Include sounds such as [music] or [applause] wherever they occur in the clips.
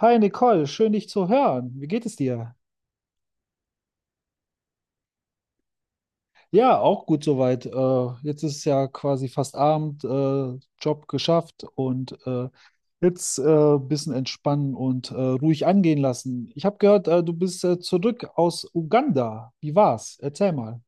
Hi Nicole, schön dich zu hören. Wie geht es dir? Ja, auch gut soweit. Jetzt ist ja quasi fast Abend, Job geschafft und jetzt ein bisschen entspannen und ruhig angehen lassen. Ich habe gehört, du bist zurück aus Uganda. Wie war's? Erzähl mal.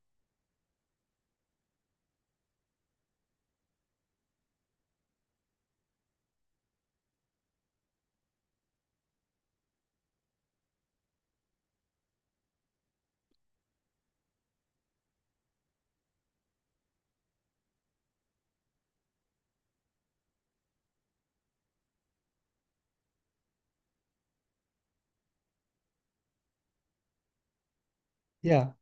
Ja,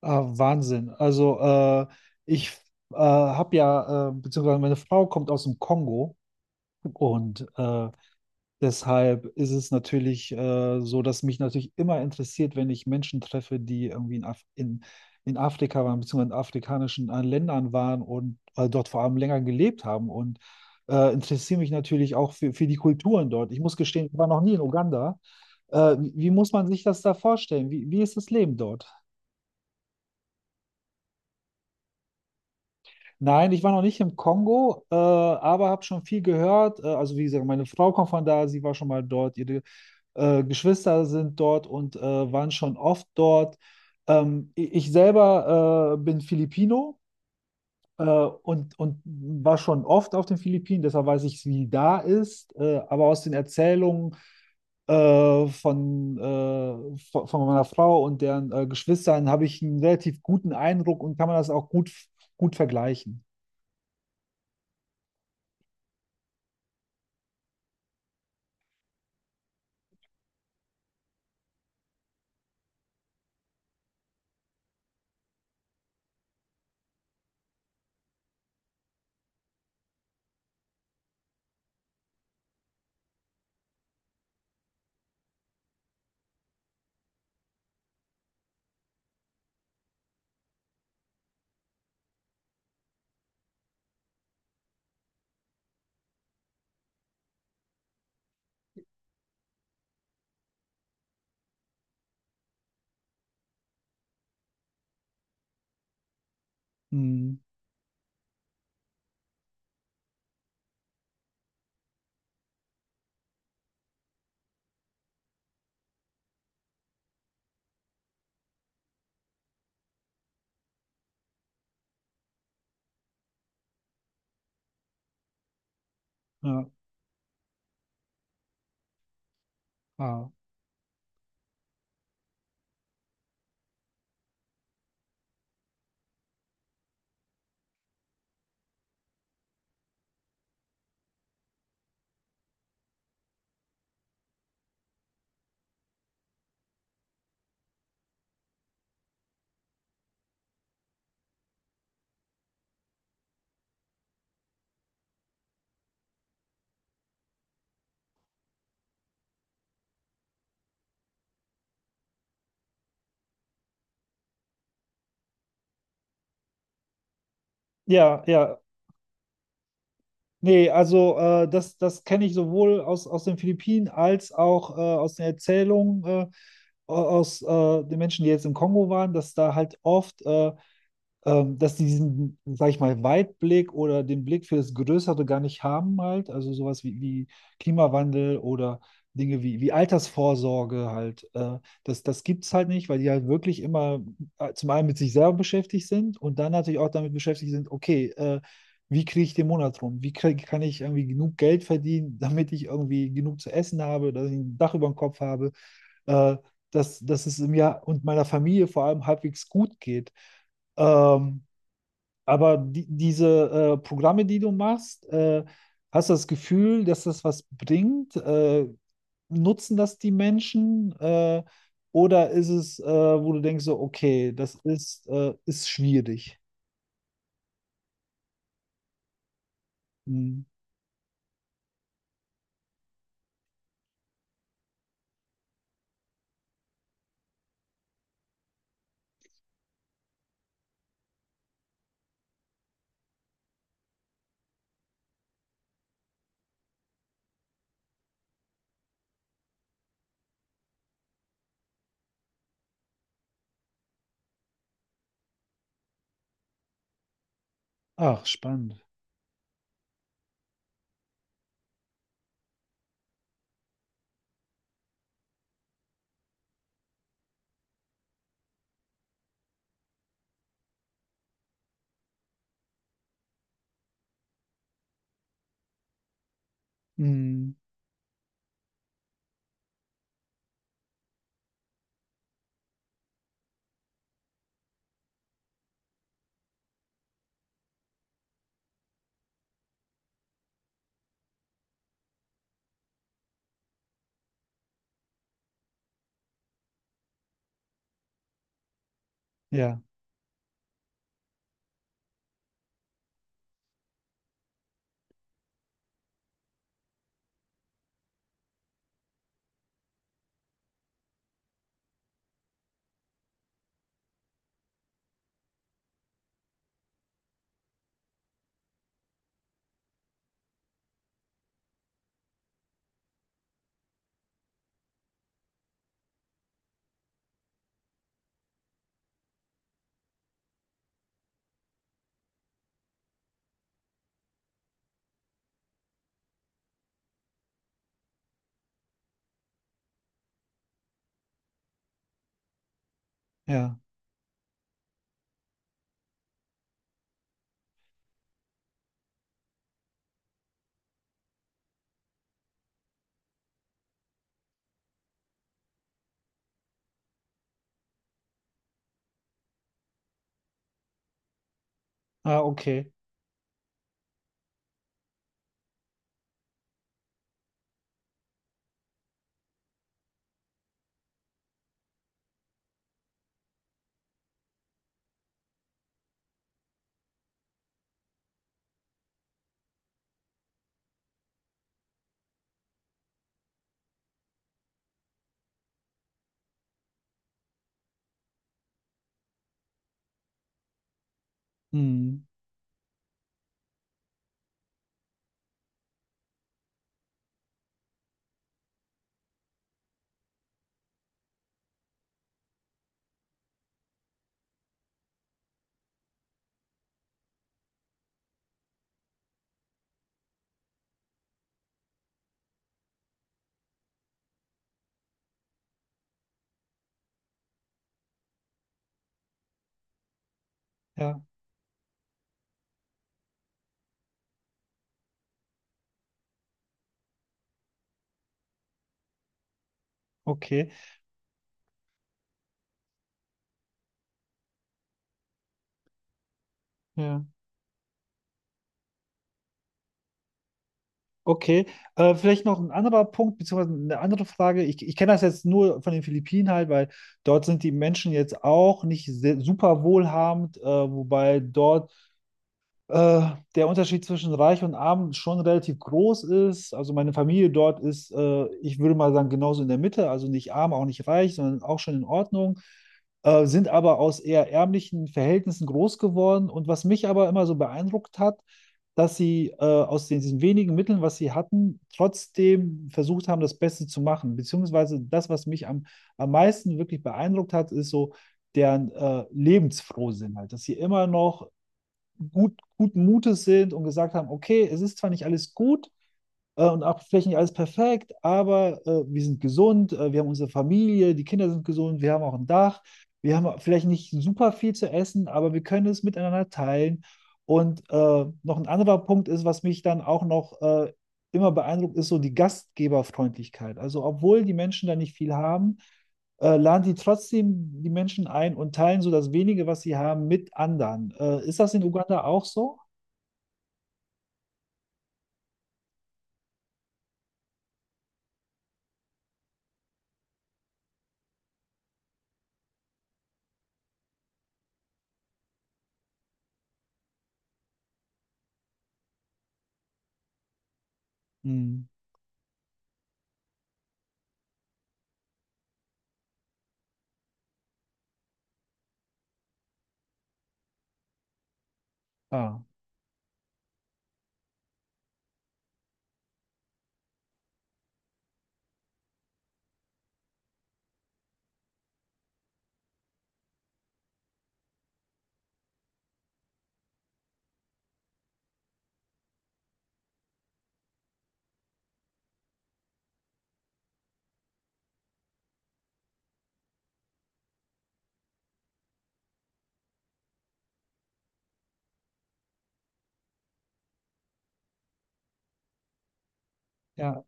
ah, Wahnsinn. Also ich habe ja, beziehungsweise meine Frau kommt aus dem Kongo und deshalb ist es natürlich so, dass mich natürlich immer interessiert, wenn ich Menschen treffe, die irgendwie in Afrika waren, beziehungsweise in afrikanischen Ländern waren und dort vor allem länger gelebt haben. Und interessiere mich natürlich auch für die Kulturen dort. Ich muss gestehen, ich war noch nie in Uganda. Wie muss man sich das da vorstellen? Wie ist das Leben dort? Nein, ich war noch nicht im Kongo, aber habe schon viel gehört. Also wie gesagt, meine Frau kommt von da, sie war schon mal dort, ihre Geschwister sind dort und waren schon oft dort. Ich selber bin Filipino und war schon oft auf den Philippinen, deshalb weiß ich, wie da ist. Aber aus den Erzählungen von meiner Frau und deren Geschwistern habe ich einen relativ guten Eindruck und kann man das auch gut vergleichen. Hm, ja, ah. Ja, ja. Nee, also das kenne ich sowohl aus den Philippinen als auch aus den Erzählungen aus den Menschen, die jetzt im Kongo waren, dass da halt oft dass die diesen, sag ich mal, Weitblick oder den Blick für das Größere gar nicht haben halt. Also sowas wie Klimawandel oder Dinge wie Altersvorsorge halt. Das gibt es halt nicht, weil die halt wirklich immer zum einen mit sich selber beschäftigt sind und dann natürlich auch damit beschäftigt sind, okay, wie kriege ich den Monat rum? Kann ich irgendwie genug Geld verdienen, [laughs] damit ich irgendwie genug zu essen habe, dass ich ein Dach über dem Kopf habe, äh, dass es mir und meiner Familie vor allem halbwegs gut geht? Ähm, aber diese Programme, die du machst, hast du das Gefühl, dass das was bringt? Nutzen das die Menschen? Oder ist es, wo du denkst, so, okay, das ist, ist schwierig? Hm. Ach, spannend. Hm. Ja, ja. Ah, okay. Hm. Ja, okay. Ja. Okay, vielleicht noch ein anderer Punkt, beziehungsweise eine andere Frage. Ich kenne das jetzt nur von den Philippinen halt, weil dort sind die Menschen jetzt auch nicht super wohlhabend, wobei dort äh, der Unterschied zwischen reich und arm schon relativ groß ist. Also meine Familie dort ist, ich würde mal sagen, genauso in der Mitte, also nicht arm, auch nicht reich, sondern auch schon in Ordnung, sind aber aus eher ärmlichen Verhältnissen groß geworden. Und was mich aber immer so beeindruckt hat, dass sie aus diesen wenigen Mitteln, was sie hatten, trotzdem versucht haben, das Beste zu machen. Beziehungsweise das, was mich am meisten wirklich beeindruckt hat, ist so, deren Lebensfrohsinn halt, dass sie immer noch gut, guten Mutes sind und gesagt haben, okay, es ist zwar nicht alles gut, und auch vielleicht nicht alles perfekt, aber wir sind gesund, wir haben unsere Familie, die Kinder sind gesund, wir haben auch ein Dach, wir haben vielleicht nicht super viel zu essen, aber wir können es miteinander teilen. Und noch ein anderer Punkt ist, was mich dann auch noch immer beeindruckt, ist so die Gastgeberfreundlichkeit. Also obwohl die Menschen da nicht viel haben, laden die trotzdem die Menschen ein und teilen so das wenige, was sie haben, mit anderen. Ist das in Uganda auch so? Hm. Ah, ja,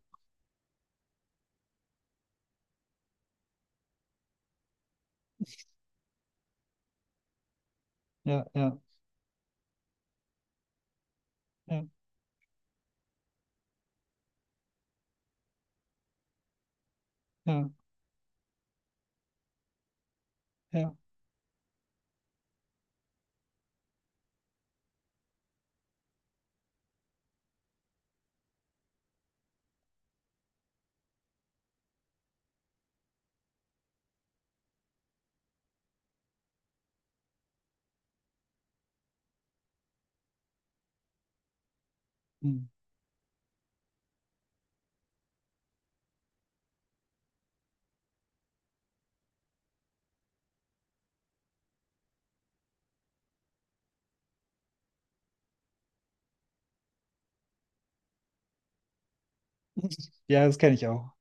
ja, ja, ja, ja. Ja. Hm. Ja, das kenne ich auch.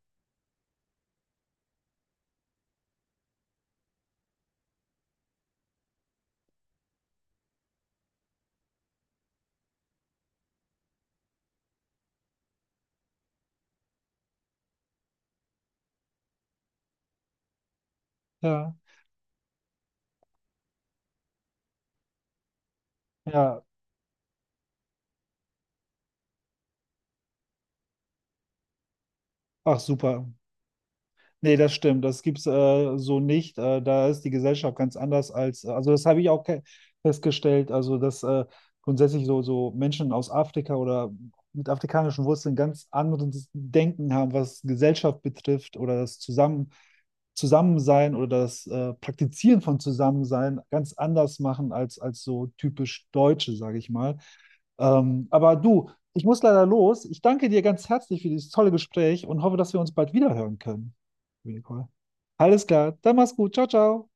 Ja. Ja. Auch super. Nee, das stimmt. Das gibt's so nicht. Da ist die Gesellschaft ganz anders als, also das habe ich auch festgestellt, also dass grundsätzlich so, so Menschen aus Afrika oder mit afrikanischen Wurzeln ganz anderes Denken haben, was Gesellschaft betrifft oder das Zusammensein oder das Praktizieren von Zusammensein ganz anders machen als so typisch Deutsche, sage ich mal. Aber du, ich muss leider los. Ich danke dir ganz herzlich für dieses tolle Gespräch und hoffe, dass wir uns bald wieder hören können jeden Fall. Alles klar, dann mach's gut. Ciao, ciao.